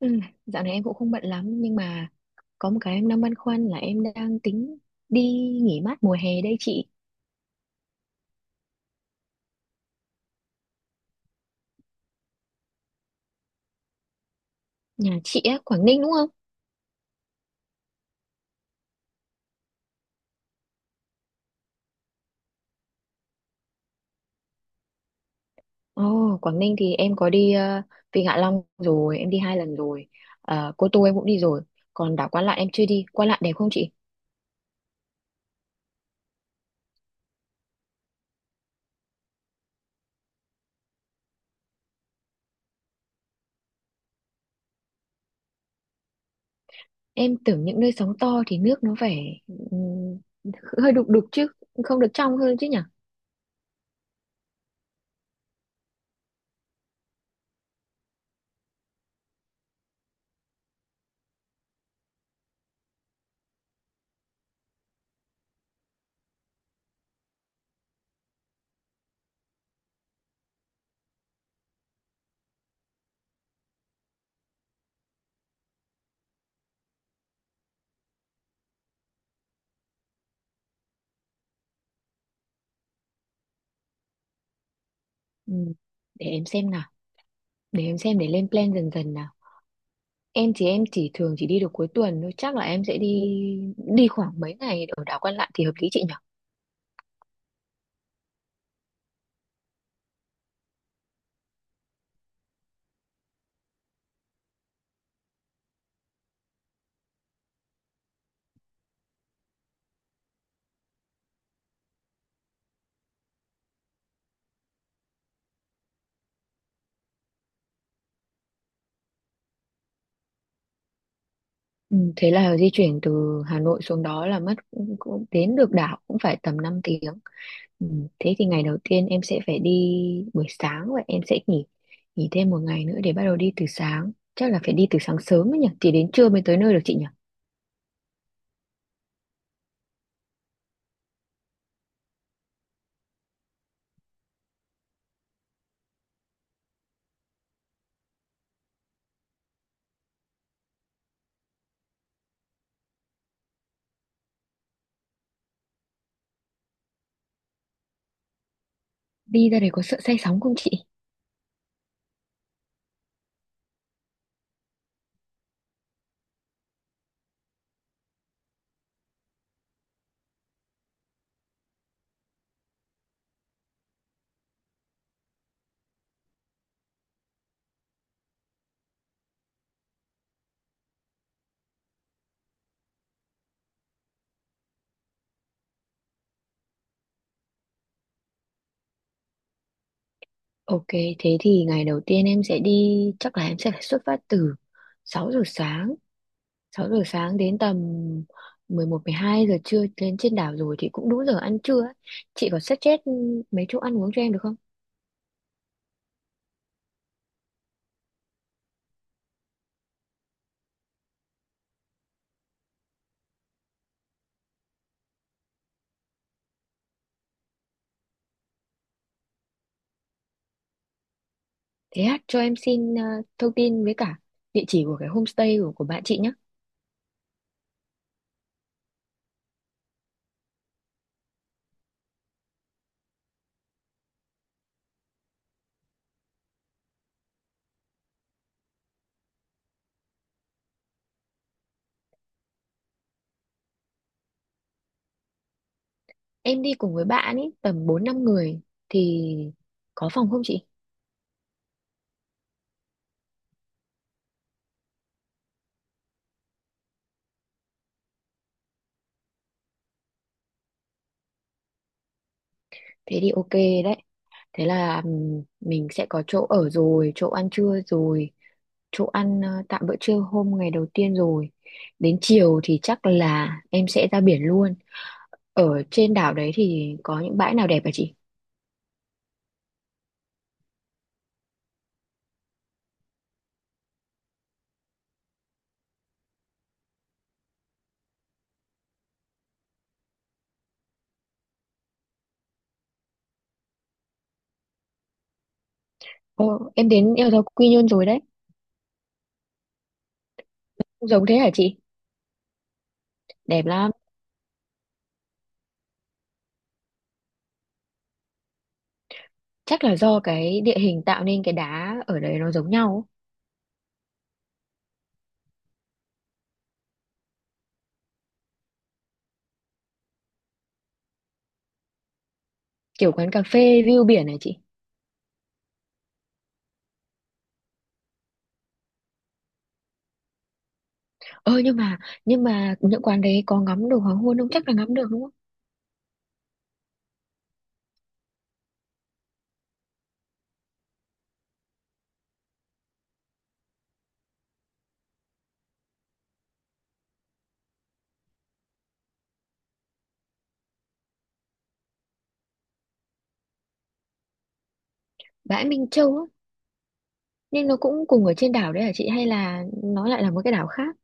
Ừ, dạo này em cũng không bận lắm nhưng mà có một cái em đang băn khoăn là em đang tính đi nghỉ mát mùa hè đây chị. Nhà chị á, Quảng Ninh đúng không? Ồ, Quảng Ninh thì em có đi Vịnh Hạ Long rồi, em đi 2 lần rồi. Cô Tô em cũng đi rồi. Còn đảo Quan Lạn em chưa đi. Quan Lạn đẹp không chị? Em tưởng những nơi sóng to thì nước nó phải ừm, hơi đục đục chứ, không được trong hơn chứ nhỉ? Ừ, để em xem nào, để em xem để lên plan dần dần nào. Em thì em chỉ thường chỉ đi được cuối tuần thôi, chắc là em sẽ đi đi khoảng mấy ngày ở đảo Quan Lạn thì hợp lý chị nhỉ? Ừ, thế là di chuyển từ Hà Nội xuống đó là mất cũng đến được đảo cũng phải tầm 5 tiếng. Ừ, thế thì ngày đầu tiên em sẽ phải đi buổi sáng và em sẽ nghỉ nghỉ thêm một ngày nữa để bắt đầu đi từ sáng. Chắc là phải đi từ sáng sớm ấy nhỉ, thì đến trưa mới tới nơi được chị nhỉ? Đi ra đấy có sợ say sóng không chị? Ok, thế thì ngày đầu tiên em sẽ đi, chắc là em sẽ phải xuất phát từ 6 giờ sáng 6 giờ sáng đến tầm 11 12 giờ trưa lên trên đảo rồi thì cũng đủ giờ ăn trưa ấy. Chị có suggest mấy chỗ ăn uống cho em được không? Thế hát cho em xin thông tin với cả địa chỉ của cái homestay của bạn chị nhé. Em đi cùng với bạn ấy tầm 4 5 người thì có phòng không chị? Thế thì ok đấy. Thế là mình sẽ có chỗ ở rồi, chỗ ăn trưa rồi, chỗ ăn tạm bữa trưa hôm ngày đầu tiên rồi. Đến chiều thì chắc là em sẽ ra biển luôn. Ở trên đảo đấy thì có những bãi nào đẹp hả chị? Ờ, em đến Eo Gió Quy Nhơn rồi đấy. Cũng giống thế hả chị? Đẹp lắm. Chắc là do cái địa hình tạo nên cái đá ở đấy nó giống nhau. Kiểu quán cà phê view biển hả chị? Ờ nhưng mà nhưng mà những quán đấy có ngắm được hoàng hôn không, chắc là ngắm được đúng không? Bãi Minh Châu á, nhưng nó cũng cùng ở trên đảo đấy hả chị hay là nó lại là một cái đảo khác?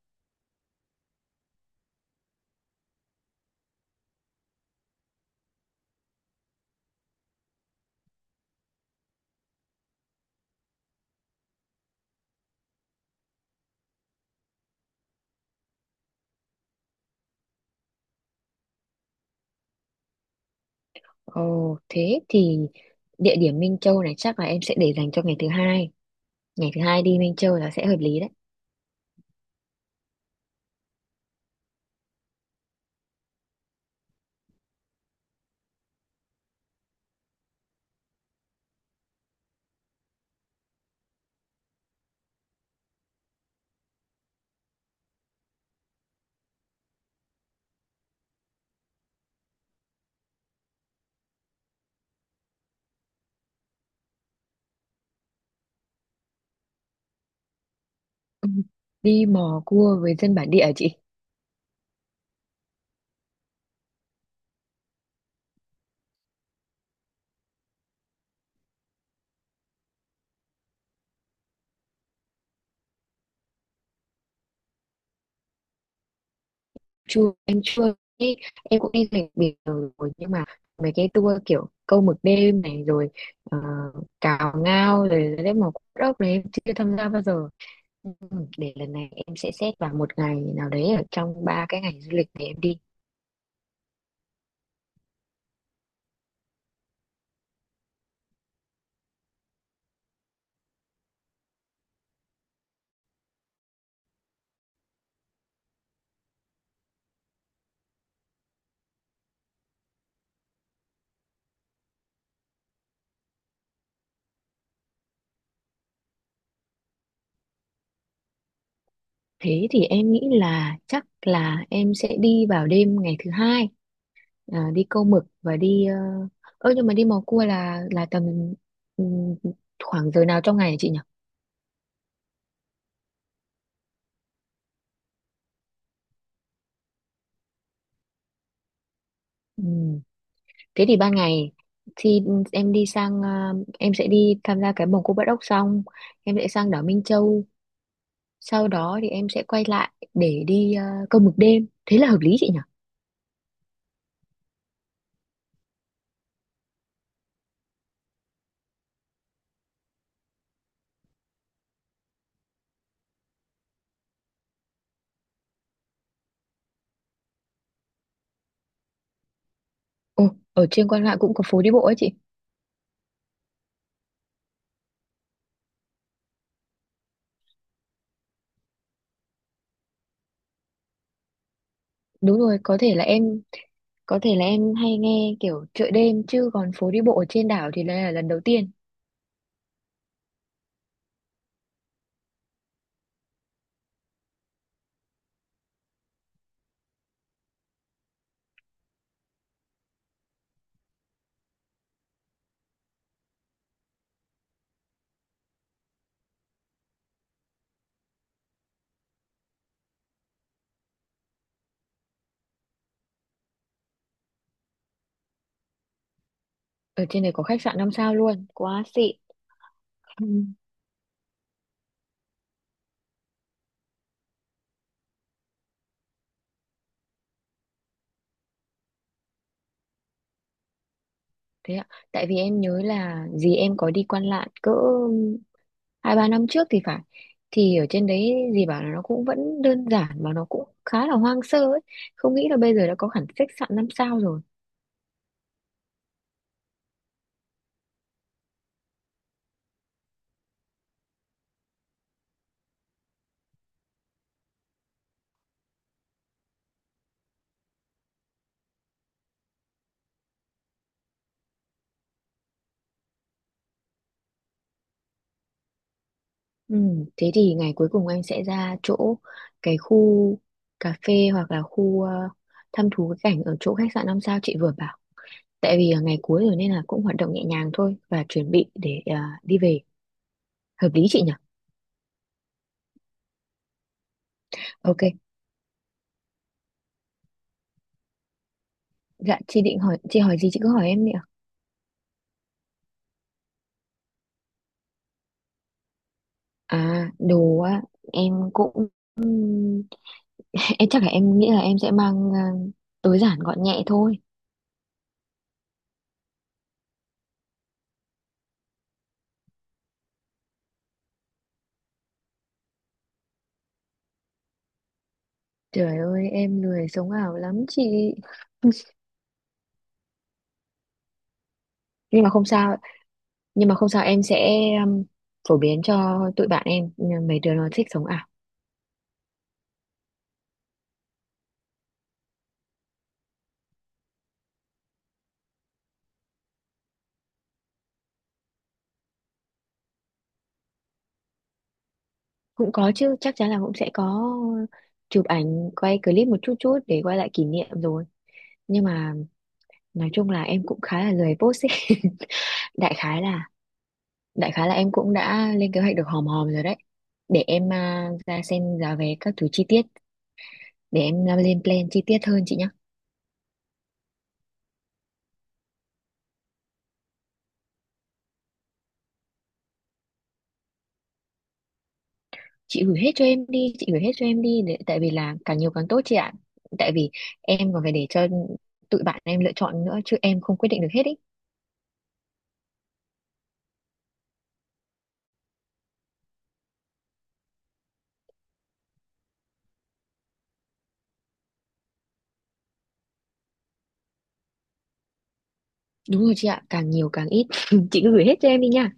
Ồ, thế thì địa điểm Minh Châu này chắc là em sẽ để dành cho ngày thứ hai. Ngày thứ hai đi Minh Châu là sẽ hợp lý đấy. Ừ, đi mò cua với dân bản địa hả chị? Chưa, em chưa đi. Em cũng đi du lịch biển rồi nhưng mà mấy cái tour kiểu câu mực đêm này rồi, ờ, cào ngao rồi đấy mò cua ốc này em chưa tham gia bao giờ. Ừ, để lần này em sẽ xét vào một ngày nào đấy ở trong 3 cái ngày du lịch để em đi. Thế thì em nghĩ là chắc là em sẽ đi vào đêm ngày thứ hai, đi câu mực và đi uh... ơ nhưng mà đi mò cua là tầm ừ, khoảng giờ nào trong ngày hả chị nhỉ? Ừ. Thế thì ban ngày thì em đi sang à, em sẽ đi tham gia cái vòng Cô Bắt Ốc xong em sẽ sang đảo Minh Châu, sau đó thì em sẽ quay lại để đi câu mực đêm thế là hợp lý chị nhỉ? Ồ, ở trên Quan Lạn cũng có phố đi bộ ấy chị? Đúng rồi, có thể là em hay nghe kiểu chợ đêm chứ còn phố đi bộ ở trên đảo thì đây là lần đầu tiên. Ở trên này có khách sạn 5 sao luôn, quá xịn. Thế ạ, tại vì em nhớ là dì em có đi Quan Lạn cỡ 2 3 năm trước thì phải, thì ở trên đấy dì bảo là nó cũng vẫn đơn giản mà nó cũng khá là hoang sơ ấy. Không nghĩ là bây giờ đã có hẳn khách sạn 5 sao rồi. Ừ, thế thì ngày cuối cùng anh sẽ ra chỗ cái khu cà phê hoặc là khu, thăm thú cái cảnh ở chỗ khách sạn 5 sao chị vừa bảo. Tại vì là ngày cuối rồi nên là cũng hoạt động nhẹ nhàng thôi và chuẩn bị để đi về. Hợp lý chị nhỉ? Ok. Dạ chị định hỏi, chị hỏi gì chị cứ hỏi em đi ạ. À, đồ á, em cũng ừm, em chắc là em nghĩ là em sẽ mang tối giản gọn nhẹ thôi. Trời ơi, em lười sống ảo lắm chị. Nhưng mà không sao, nhưng mà không sao, em sẽ um, phổ biến cho tụi bạn em mấy đứa nó thích sống ảo. Cũng có chứ, chắc chắn là cũng sẽ có chụp ảnh, quay clip một chút chút để quay lại kỷ niệm rồi. Nhưng mà nói chung là em cũng khá là lười post ấy. Đại khái là đại khái là em cũng đã lên kế hoạch được hòm hòm rồi đấy, để em ra xem giá vé các thứ chi tiết, để em lên plan chi tiết hơn chị nhá. Chị gửi hết cho em đi, chị gửi hết cho em đi để, tại vì là càng nhiều càng tốt chị ạ, tại vì em còn phải để cho tụi bạn em lựa chọn nữa chứ em không quyết định được hết ý. Đúng rồi chị ạ, càng nhiều càng ít chị cứ gửi hết cho em đi nha.